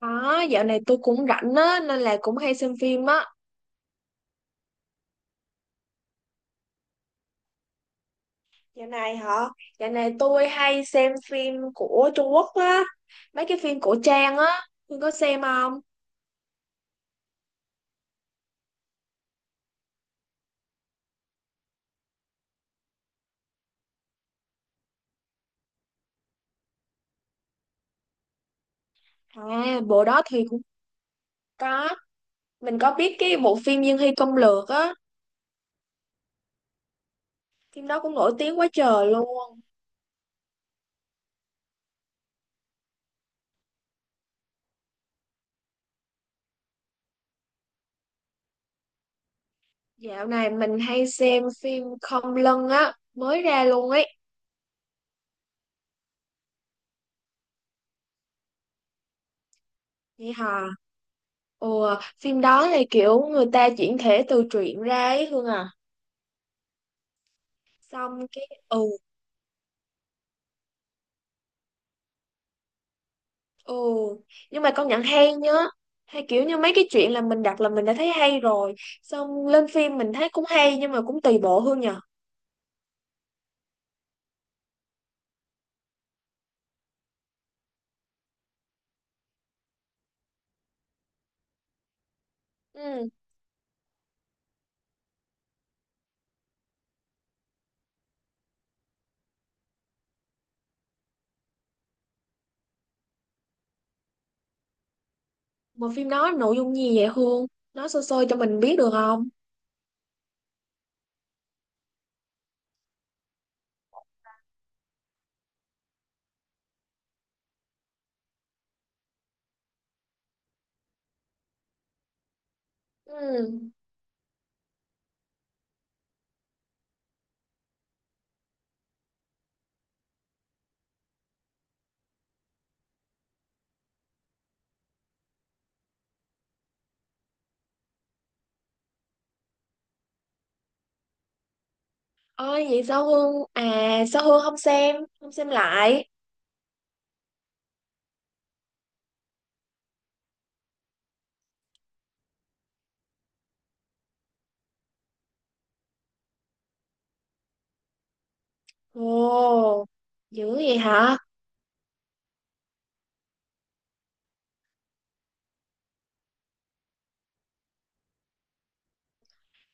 Đó, dạo này tôi cũng rảnh á, nên là cũng hay xem phim á. Dạo này hả? Dạo này tôi hay xem phim của Trung Quốc á. Mấy cái phim cổ trang á, tôi có xem không? À, bộ đó thì cũng có. Mình có biết cái bộ phim Dương Hy Công Lược á. Phim đó cũng nổi tiếng quá trời luôn. Dạo này mình hay xem phim Không Lân á, mới ra luôn ấy. Vậy hả? Ồ, phim đó là kiểu người ta chuyển thể từ truyện ra ấy Hương à. Xong cái. Ừ Ừ, nhưng mà công nhận hay nhá. Hay kiểu như mấy cái chuyện là mình đặt là mình đã thấy hay rồi. Xong lên phim mình thấy cũng hay nhưng mà cũng tùy bộ Hương nhờ. Ừ, mà phim đó nội dung gì vậy Hương? Nói sơ sơ cho mình biết được không? Ừ. Ôi vậy sao Hương? À sao Hương không xem? Không xem lại. Ồ, dữ vậy hả?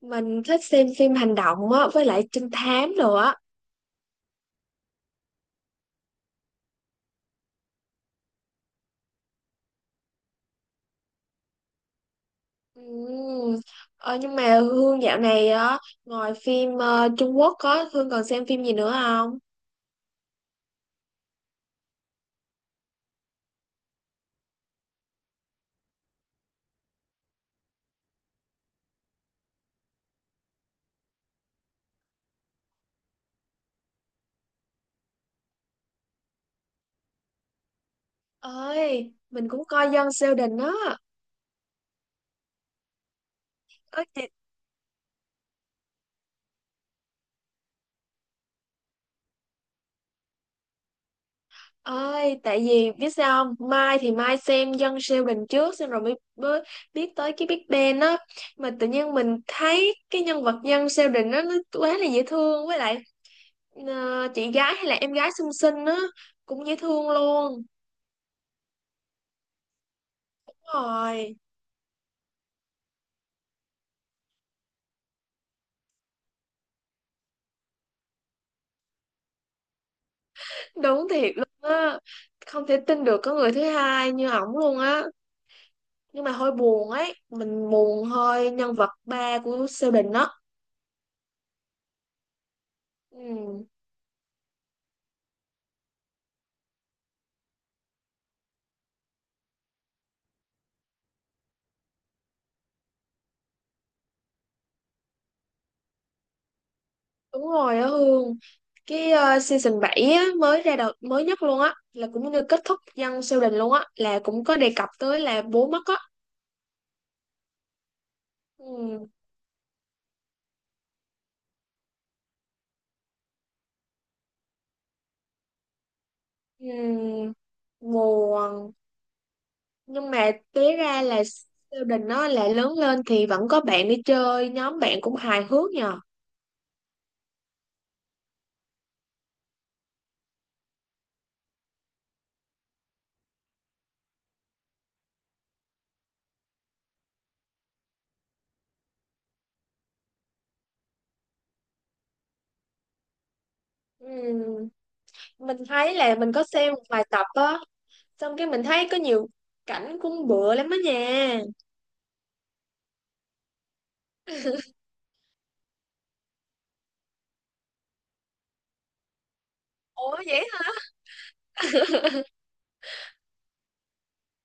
Mình thích xem phim hành động á, với lại trinh thám nữa. Ừ. Ờ, nhưng mà Hương dạo này á, ngoài phim Trung Quốc á, Hương còn xem phim gì nữa không? Ơi, mình cũng coi Dân Sheldon á. Ơi, chị... Ơi, tại vì biết sao không? Mai thì Mai xem Dân Sheldon trước xong rồi mới biết tới cái Big Bang á. Mà tự nhiên mình thấy cái nhân vật Dân Sheldon á nó quá là dễ thương với lại chị gái hay là em gái xinh xinh á cũng dễ thương luôn. Đúng rồi. Đúng thiệt luôn á, không thể tin được có người thứ hai như ổng luôn á, nhưng mà hơi buồn ấy, mình buồn hơi nhân vật ba của Sơ Bình đó. Ừ, đúng rồi á Hương. Cái season 7 á, mới ra đầu mới nhất luôn á, là cũng như kết thúc dân siêu đình luôn á, là cũng có đề cập tới là bố mất á. Ừ, ừ, buồn, nhưng mà tế ra là siêu đình, nó là lớn lên thì vẫn có bạn đi chơi, nhóm bạn cũng hài hước nhờ. Ừ. Mình thấy là mình có xem một vài tập á, xong cái mình thấy có nhiều cảnh cũng bựa lắm á nha. Ủa vậy hả?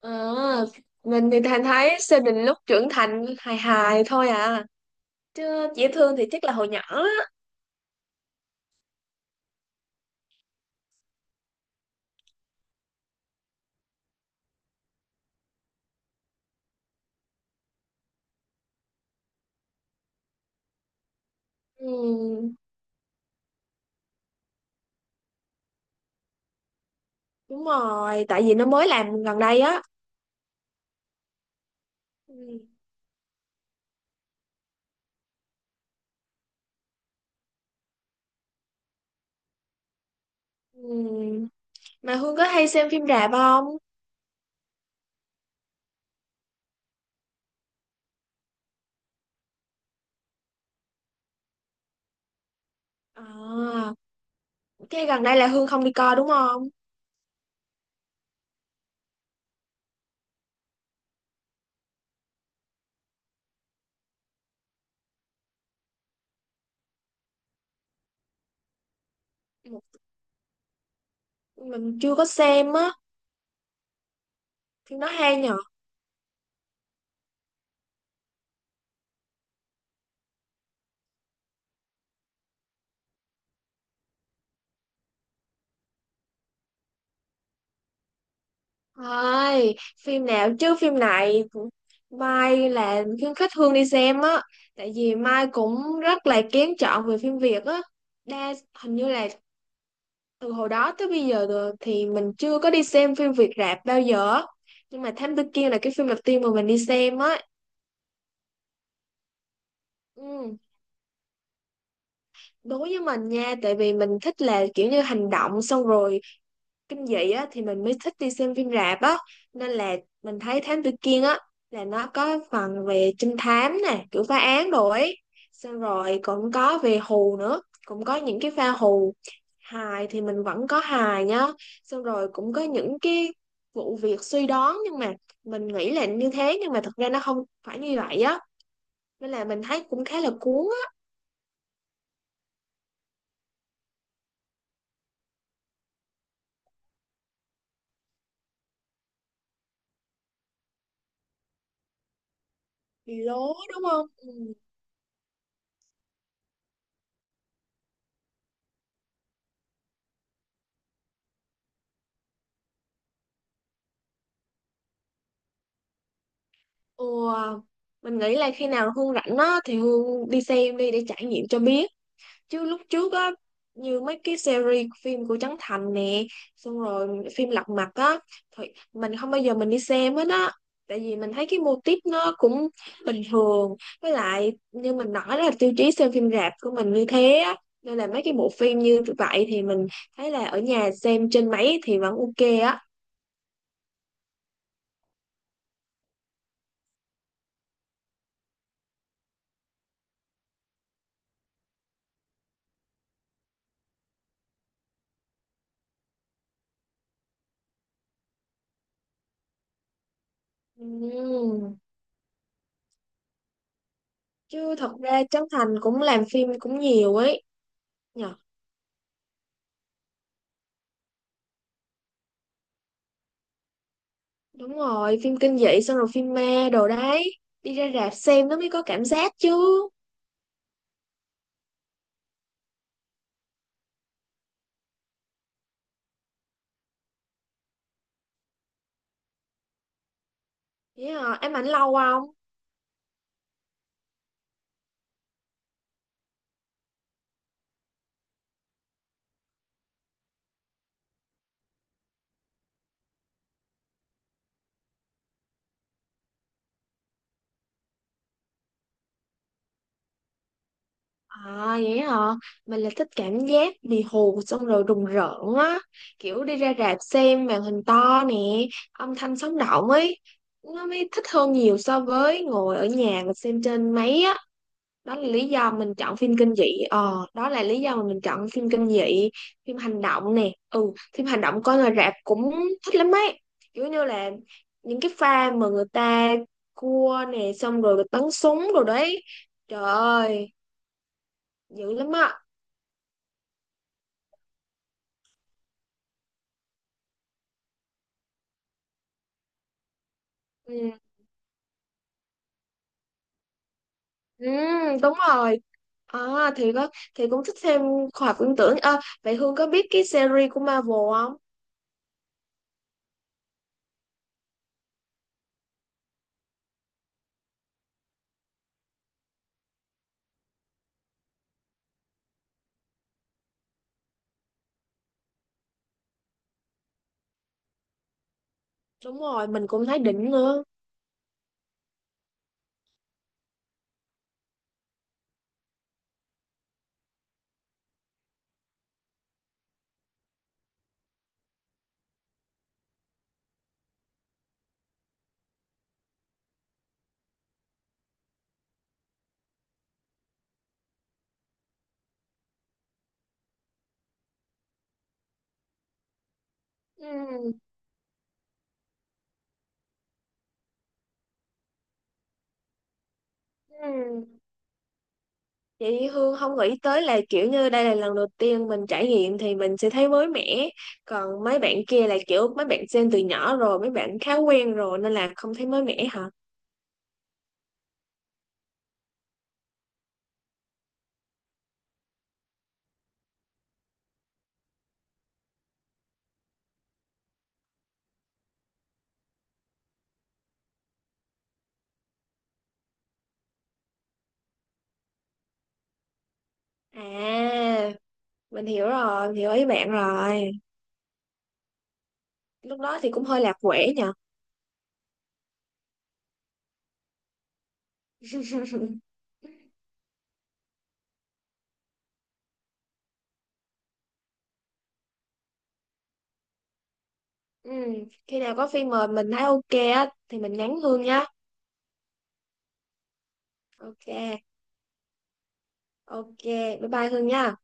ờ mình thì thành thấy Sơn Đình lúc trưởng thành hài hài thôi à, chứ dễ thương thì chắc là hồi nhỏ á. Ừ, đúng rồi tại vì nó mới làm gần đây á. Ừ, ừ. Mà Hương có hay xem phim rạp không? À, cái gần đây là Hương không đi coi đúng không? Mình chưa có xem á. Phim nó hay nhở. Thôi, phim nào chứ phim này Mai là khuyến khích Hương đi xem á, tại vì Mai cũng rất là kén chọn về phim Việt á. đa Hình như là từ hồi đó tới bây giờ rồi thì mình chưa có đi xem phim Việt rạp bao giờ á. Nhưng mà Thám Tử Kiên là cái phim đầu tiên mà mình đi xem á. Ừ, đối với mình nha, tại vì mình thích là kiểu như hành động, xong rồi kinh dị á, thì mình mới thích đi xem phim rạp á. Nên là mình thấy Thám Tử Kiên á, là nó có phần về trinh thám nè, kiểu phá án đồ ấy, xong rồi cũng có về hù nữa, cũng có những cái pha hù, hài thì mình vẫn có hài nhá, xong rồi cũng có những cái vụ việc suy đoán, nhưng mà mình nghĩ là như thế nhưng mà thật ra nó không phải như vậy á, nên là mình thấy cũng khá là cuốn á. Bị lố đúng không? Ừ. Ồ, mình nghĩ là khi nào Hương rảnh á thì Hương đi xem đi để trải nghiệm cho biết. Chứ lúc trước á, như mấy cái series phim của Trấn Thành nè, xong rồi phim Lật Mặt á, thì mình không bao giờ mình đi xem hết á, tại vì mình thấy cái mô típ nó cũng bình thường. Với lại như mình nói là tiêu chí xem phim rạp của mình như thế á, nên là mấy cái bộ phim như vậy thì mình thấy là ở nhà xem trên máy thì vẫn ok á. Ừm. Chứ thật ra Trấn Thành cũng làm phim cũng nhiều ấy nhờ. Đúng rồi, phim kinh dị xong rồi phim ma đồ đấy. Đi ra rạp xem nó mới có cảm giác chứ. Vậy hả? Ám ảnh lâu không? À vậy hả? Mình là thích cảm giác bị hù xong rồi rùng rợn á. Kiểu đi ra rạp xem màn hình to nè, âm thanh sống động ấy. Nó mới thích hơn nhiều so với ngồi ở nhà mà xem trên máy á. Đó là lý do mình chọn phim kinh dị, đó là lý do mà mình chọn phim kinh dị. Phim hành động nè, ừ, phim hành động coi ngoài rạp cũng thích lắm ấy, kiểu như là những cái pha mà người ta cua nè, xong rồi bắn súng rồi đấy, trời ơi dữ lắm á. Ừ, ừ, đúng rồi. À, thì có, thì cũng thích xem khoa học viễn tưởng. Ờ, vậy Hương có biết cái series của Marvel không? Đúng rồi mình cũng thấy đỉnh nữa. Ừ, ừ. Chị Hương không nghĩ tới là kiểu như đây là lần đầu tiên mình trải nghiệm thì mình sẽ thấy mới mẻ. Còn mấy bạn kia là kiểu mấy bạn xem từ nhỏ rồi, mấy bạn khá quen rồi nên là không thấy mới mẻ hả? À, mình hiểu rồi, mình hiểu ý bạn rồi. Lúc đó thì cũng hơi lạc quẻ nhờ. Ừ, khi nào có phim mời mình thấy ok á thì mình nhắn Hương nhá. Ok, ok, bye bye Hương nha.